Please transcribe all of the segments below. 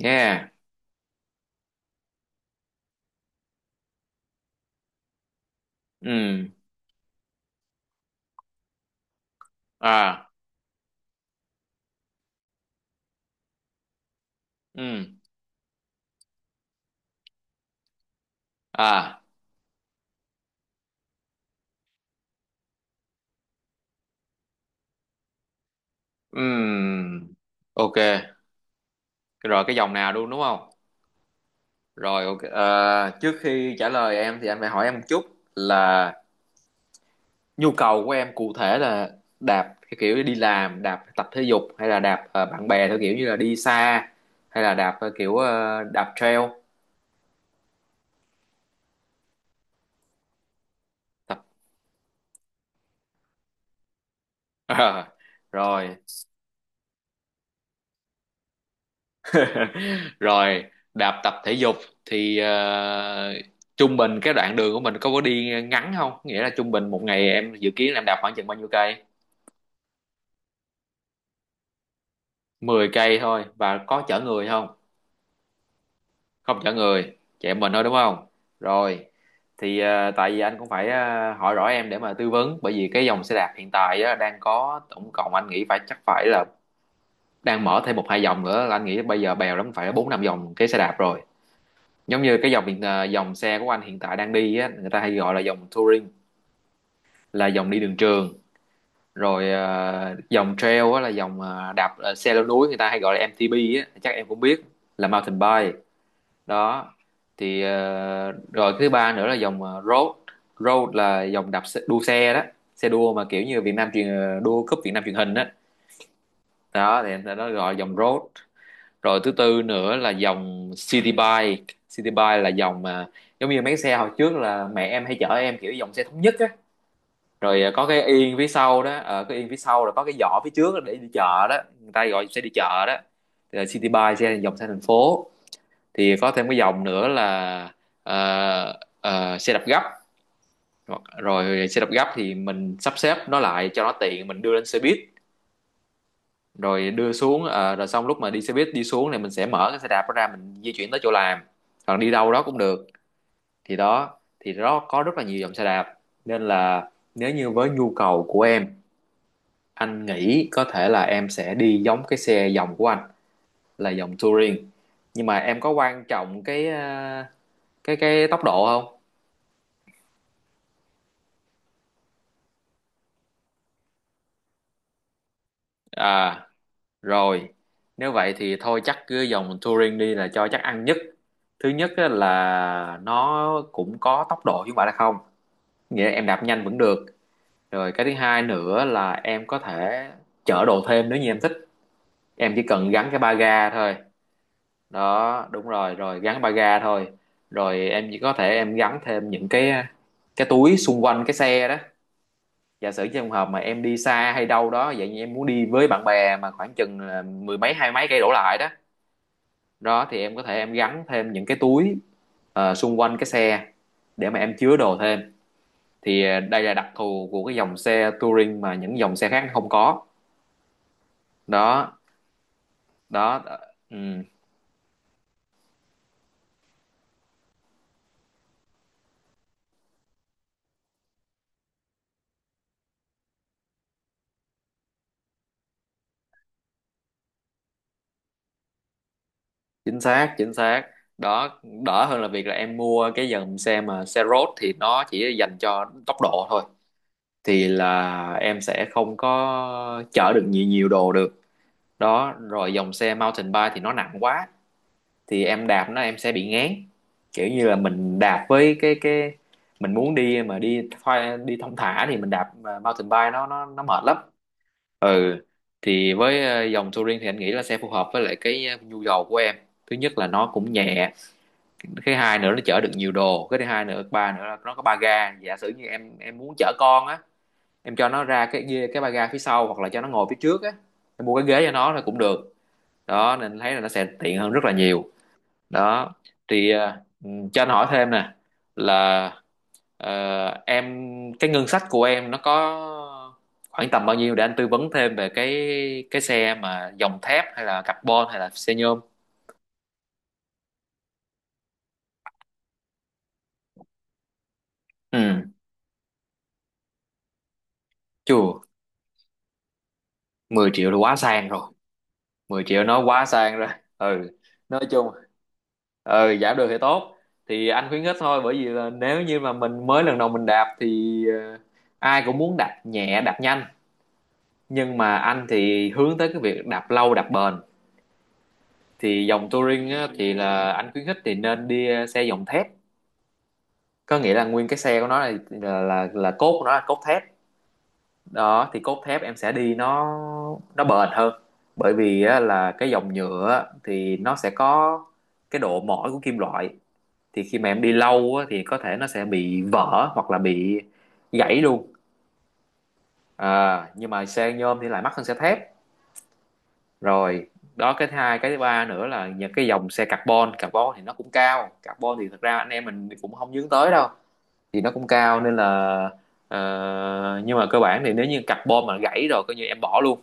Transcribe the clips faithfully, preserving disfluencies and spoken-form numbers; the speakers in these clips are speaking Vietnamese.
Nghe. Ừ. À. Ừ. À. Ừ. Ok. Rồi, cái dòng nào luôn đúng không? Rồi, ok. Ờ, Trước khi trả lời em thì anh phải hỏi em một chút, là nhu cầu của em cụ thể là đạp theo kiểu đi làm, đạp tập thể dục, hay là đạp ờ, bạn bè theo kiểu như là đi xa, hay là đạp ờ, kiểu ờ, đạp trail. Tập. Ờ, rồi. Rồi, đạp tập thể dục thì ờ, trung bình cái đoạn đường của mình có có đi ngắn không, nghĩa là trung bình một ngày em dự kiến là em đạp khoảng chừng bao nhiêu cây? Mười cây thôi, và có chở người không? Không chở người, chạy mình thôi đúng không? Rồi, thì ờ, tại vì anh cũng phải ờ, hỏi rõ em để mà tư vấn, bởi vì cái dòng xe đạp hiện tại á, đang có tổng cộng anh nghĩ phải chắc phải là đang mở thêm một hai dòng nữa, là anh nghĩ bây giờ bèo lắm phải bốn năm dòng cái xe đạp rồi. Giống như cái dòng hiện à, dòng xe của anh hiện tại đang đi á, người ta hay gọi là dòng touring, là dòng đi đường trường. Rồi à, dòng trail á là dòng à, đạp à, xe leo núi, người ta hay gọi là em tê bê á, chắc em cũng biết, là mountain bike đó. Thì à, rồi cái thứ ba nữa là dòng à, road. Road là dòng đạp xe, đua xe đó, xe đua mà kiểu như Việt Nam truyền ờ, đua cúp Việt Nam truyền hình á. Đó thì người ta nó gọi là dòng road. Rồi thứ tư nữa là dòng City Bike. City Bike là dòng mà giống như mấy cái xe hồi trước là mẹ em hay chở em, kiểu dòng xe thống nhất á. Rồi à, có cái yên phía sau đó, ờ, cái yên phía sau là có cái giỏ phía trước để đi chợ đó, người ta gọi xe đi chợ đó. Thì là City Bike, xe dòng xe thành phố. Thì có thêm cái dòng nữa là ờ, ờ, xe đạp gấp. Hoặc- rồi xe đạp gấp thì mình sắp xếp nó lại cho nó tiện, mình đưa lên xe buýt, rồi đưa xuống, ờ, rồi xong lúc mà đi xe buýt đi xuống này mình sẽ mở cái xe đạp đó ra, mình di chuyển tới chỗ làm, hoặc đi đâu đó cũng được. Thì đó, thì đó có rất là nhiều dòng xe đạp, nên là nếu như với nhu cầu của em, anh nghĩ có thể là em sẽ đi giống cái xe dòng của anh, là dòng touring. Nhưng mà em có quan trọng cái ờ, cái cái tốc độ không? À, rồi, nếu vậy thì thôi chắc cứ dòng touring đi là cho chắc ăn nhất. Thứ nhất á là nó cũng có tốc độ chứ không phải là không, nghĩa là em đạp nhanh vẫn được. Rồi cái thứ hai nữa là em có thể chở đồ thêm nếu như em thích, em chỉ cần gắn cái ba ga thôi. Đó, đúng rồi, rồi gắn ba ga thôi. Rồi em chỉ có thể em gắn thêm những cái cái túi xung quanh cái xe đó. Giả sử trong trường hợp mà em đi xa hay đâu đó vậy, như em muốn đi với bạn bè mà khoảng chừng là mười mấy hai mấy cây đổ lại đó, đó thì em có thể em gắn thêm những cái túi ờ, xung quanh cái xe để mà em chứa đồ thêm. Thì ờ, đây là đặc thù của cái dòng xe touring mà những dòng xe khác không có đó. Đó, ừ, chính xác, chính xác đó. Đỡ hơn là việc là em mua cái dòng xe mà xe road thì nó chỉ dành cho tốc độ thôi, thì là em sẽ không có chở được nhiều nhiều đồ được. Đó, rồi dòng xe mountain bike thì nó nặng quá, thì em đạp nó em sẽ bị ngán, kiểu như là mình đạp với cái cái mình muốn đi mà đi thoai- đi thong thả thì mình đạp à, mountain bike nó nó nó mệt lắm. Ừ, thì với ờ, dòng touring thì anh nghĩ là sẽ phù hợp với lại cái ờ, nhu cầu của em. Thứ nhất là nó cũng nhẹ, cái hai nữa nó chở được nhiều đồ, cái thứ hai nữa, ba nữa là nó có ba ga. Giả sử như em em muốn chở con á, em cho nó ra cái ghê cái ba ga phía sau, hoặc là cho nó ngồi phía trước á, em mua cái ghế cho nó là cũng được. Đó, nên thấy là nó sẽ tiện hơn rất là nhiều đó. Thì ờ, ừ, cho anh hỏi thêm nè, là Ờ, em cái ngân sách của em nó có khoảng tầm bao nhiêu để anh tư vấn thêm về cái cái xe, mà dòng thép hay là carbon hay là xe nhôm. Ừ, chùa. mười triệu là quá sang rồi. mười triệu nó quá sang rồi. Ừ, nói chung, ừ, giảm được thì tốt. Thì anh khuyến khích thôi, bởi vì là nếu như mà mình mới lần đầu mình đạp thì ờ, ai cũng muốn đạp nhẹ đạp nhanh, nhưng mà anh thì hướng tới cái việc đạp lâu đạp bền. Thì dòng touring á, thì là anh khuyến khích thì nên đi ờ, xe dòng thép, có nghĩa là nguyên cái xe của nó là là là, là cốt của nó là cốt thép đó. Thì cốt thép em sẽ đi nó nó bền hơn, bởi vì á, là cái dòng nhựa á, thì nó sẽ có cái độ mỏi của kim loại. Thì khi mà em đi lâu á, thì có thể nó sẽ bị vỡ hoặc là bị gãy luôn. À, nhưng mà xe nhôm thì lại mắc hơn xe thép rồi. Đó, cái thứ hai, cái thứ ba nữa là những cái dòng xe carbon. Carbon thì nó cũng cao, carbon thì thật ra anh em mình cũng không hướng tới đâu, thì nó cũng cao nên là ờ, nhưng mà cơ bản thì nếu như carbon mà gãy rồi coi như em bỏ luôn.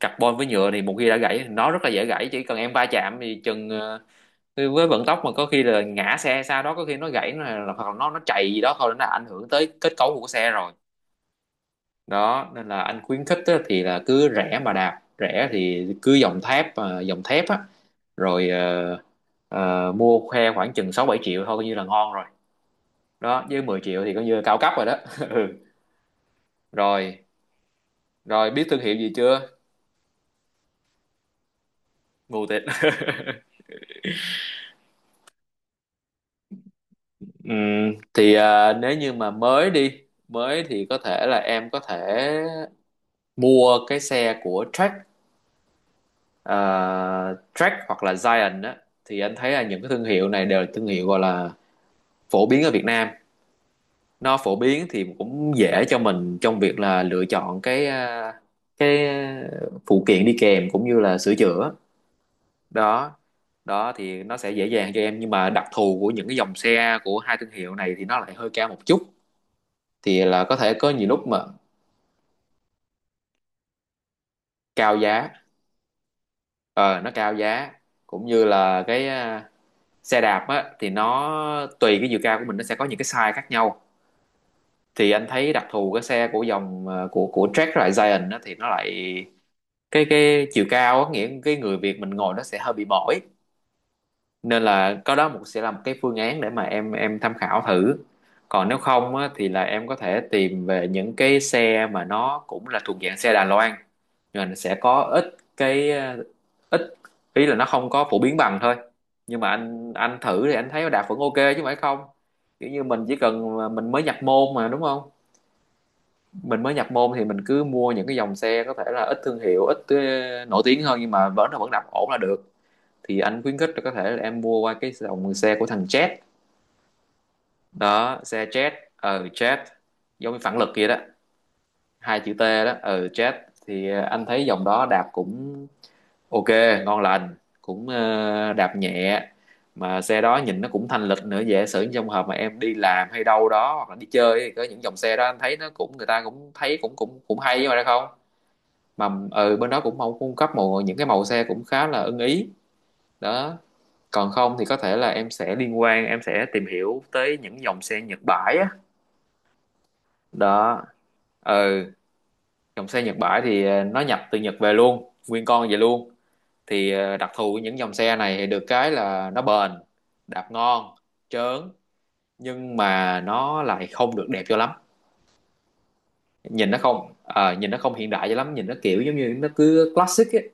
Carbon với nhựa thì một khi đã gãy thì nó rất là dễ gãy, chỉ cần em va chạm thì chừng ờ, với vận tốc mà có khi là ngã xe, sau đó có khi nó gãy, là hoặc là nó nó chạy gì đó thôi nó đã ảnh hưởng tới kết cấu của xe rồi. Đó nên là anh khuyến khích á, thì là cứ rẻ mà đạp, rẻ thì cứ dòng thép, à, dòng thép á. Rồi ờ, ờ, mua khoe khoảng chừng sáu bảy triệu thôi coi như là ngon rồi đó, với mười triệu thì coi như là cao cấp rồi đó. Ừ. Rồi, rồi, biết thương hiệu gì chưa? Mù tịt. Ừm, thì à, nếu như mà mới đi mới thì có thể là em có thể mua cái xe của Track, à, Track hoặc là Giant á. Thì anh thấy là những cái thương hiệu này đều là thương hiệu gọi là phổ biến ở Việt Nam. Nó phổ biến thì cũng dễ cho mình trong việc là lựa chọn cái à, cái à, phụ kiện đi kèm cũng như là sửa chữa đó. Đó thì nó sẽ dễ dàng cho em, nhưng mà đặc thù của những cái dòng xe của hai thương hiệu này thì nó lại hơi cao một chút. Thì là có thể có nhiều lúc mà cao giá. Ờ, nó cao giá, cũng như là cái à, xe đạp á thì nó tùy cái chiều cao của mình, nó sẽ có những cái size khác nhau. Thì anh thấy đặc thù cái xe của dòng à, của của Track với lại Giant á, thì nó lại cái cái chiều cao á, nghĩa cái người Việt mình ngồi nó sẽ hơi bị mỏi. Nên là có đó một sẽ là một cái phương án để mà em em tham khảo thử. Còn nếu không á, thì là em có thể tìm về những cái xe mà nó cũng là thuộc dạng xe Đài Loan, rồi nó sẽ có ít cái ờ, ít ý là nó không có phổ biến bằng thôi, nhưng mà anh anh thử thì anh thấy nó đạt vẫn ok chứ phải không? Kiểu như mình chỉ cần mình mới nhập môn mà đúng không? Mình mới nhập môn thì mình cứ mua những cái dòng xe có thể là ít thương hiệu, ít ờ, nổi tiếng hơn, nhưng mà vẫn là vẫn đạp ổn là được. Thì anh khuyến khích là có thể là em mua qua cái dòng xe của thằng Jet. Đó, xe Jet. Ờ, Jet, giống như phản lực kia đó, hai chữ T đó, ờ Jet. Thì ờ, anh thấy dòng đó đạp cũng ok, ngon lành, cũng ờ, đạp nhẹ. Mà xe đó nhìn nó cũng thanh lịch nữa, dễ sử trong hợp mà em đi làm hay đâu đó hoặc là đi chơi, thì có những dòng xe đó anh thấy nó cũng người ta cũng thấy cũng cũng cũng hay mà ra không. Mà ừ, bên đó cũng mong cung cấp một những cái màu xe cũng khá là ưng ý. Đó, còn không thì có thể là em sẽ liên quan, em sẽ tìm hiểu tới những dòng xe Nhật bãi á. Đó, ừ, dòng xe Nhật bãi thì ờ, nó nhập từ Nhật về luôn, nguyên con về luôn. Thì ờ, đặc thù của những dòng xe này thì được cái là nó bền, đạp ngon trớn, nhưng mà nó lại không được đẹp cho lắm. Nhìn nó không ờ, nhìn nó không hiện đại cho lắm, nhìn nó kiểu giống như nó cứ classic ấy,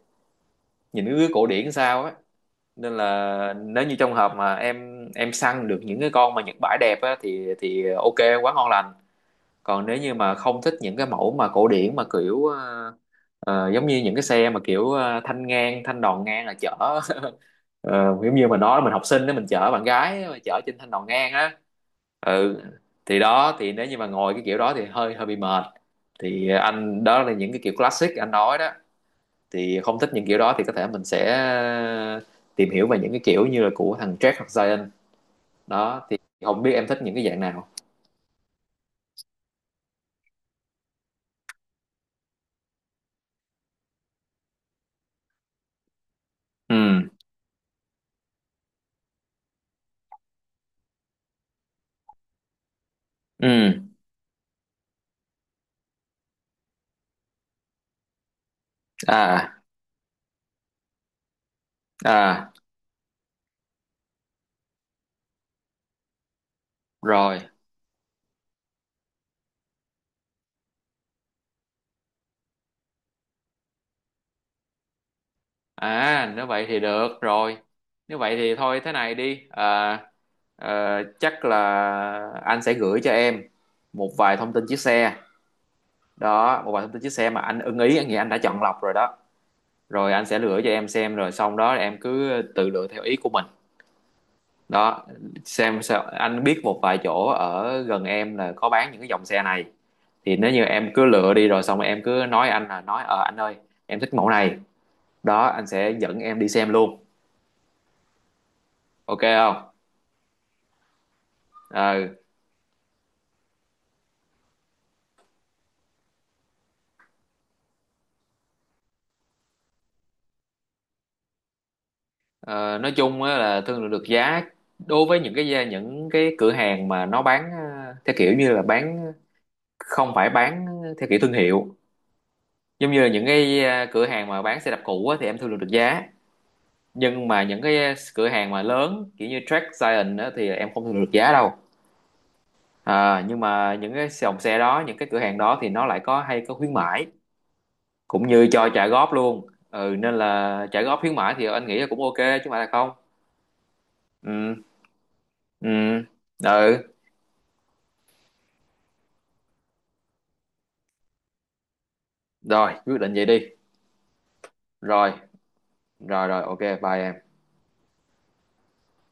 nhìn nó cứ cổ điển sao á. Nên là nếu như trong hợp mà em em săn được những cái con mà Nhật bãi đẹp á, thì thì ok, quá ngon lành. Còn nếu như mà không thích những cái mẫu mà cổ điển, mà kiểu ờ, ờ, giống như những cái xe mà kiểu ờ, thanh ngang, thanh đòn ngang là chở ờ, giống như mình nói mình học sinh đó, mình chở bạn gái mà chở trên thanh đòn ngang á, ừ, thì đó, thì nếu như mà ngồi cái kiểu đó thì hơi hơi bị mệt. Thì anh đó là những cái kiểu classic anh nói đó, thì không thích những kiểu đó thì có thể mình sẽ tìm hiểu về những cái kiểu như là của thằng Jack hoặc Zion. Đó thì không biết em thích những cái dạng nào. Ừ, ừ, à, à, rồi, à, nếu vậy thì được rồi. Nếu vậy thì thôi thế này đi, à, ờ, chắc là anh sẽ gửi cho em một vài thông tin chiếc xe. Đó, một vài thông tin chiếc xe mà anh ưng ý, anh nghĩ anh đã chọn lọc rồi đó. Rồi anh sẽ gửi cho em xem, rồi xong đó em cứ tự lựa theo ý của mình. Đó, xem sao, anh biết một vài chỗ ở gần em là có bán những cái dòng xe này. Thì nếu như em cứ lựa đi, rồi xong rồi em cứ nói anh là nói ờ anh ơi em thích mẫu này, đó anh sẽ dẫn em đi xem luôn. Ok không? Ờ, ờ, nói chung á là thương lượng được giá. Đối với những cái những cái cửa hàng mà nó bán ờ, theo kiểu như là bán, không phải bán, theo kiểu thương hiệu, giống như là những cái ờ, cửa hàng mà bán xe đạp cũ á, thì em thương lượng được giá. Nhưng mà những cái ờ, cửa hàng mà lớn kiểu như Track Giant á, thì em không được giá đâu. À, nhưng mà những cái dòng xe đó, những cái cửa hàng đó thì nó lại có hay có khuyến mãi, cũng như cho trả góp luôn. Ừ, nên là trả góp khuyến mãi thì anh nghĩ là cũng ok, chứ mà là không. Ừ, ừ, ừ, rồi, quyết định vậy đi. Rồi, rồi, rồi, ok, bye em.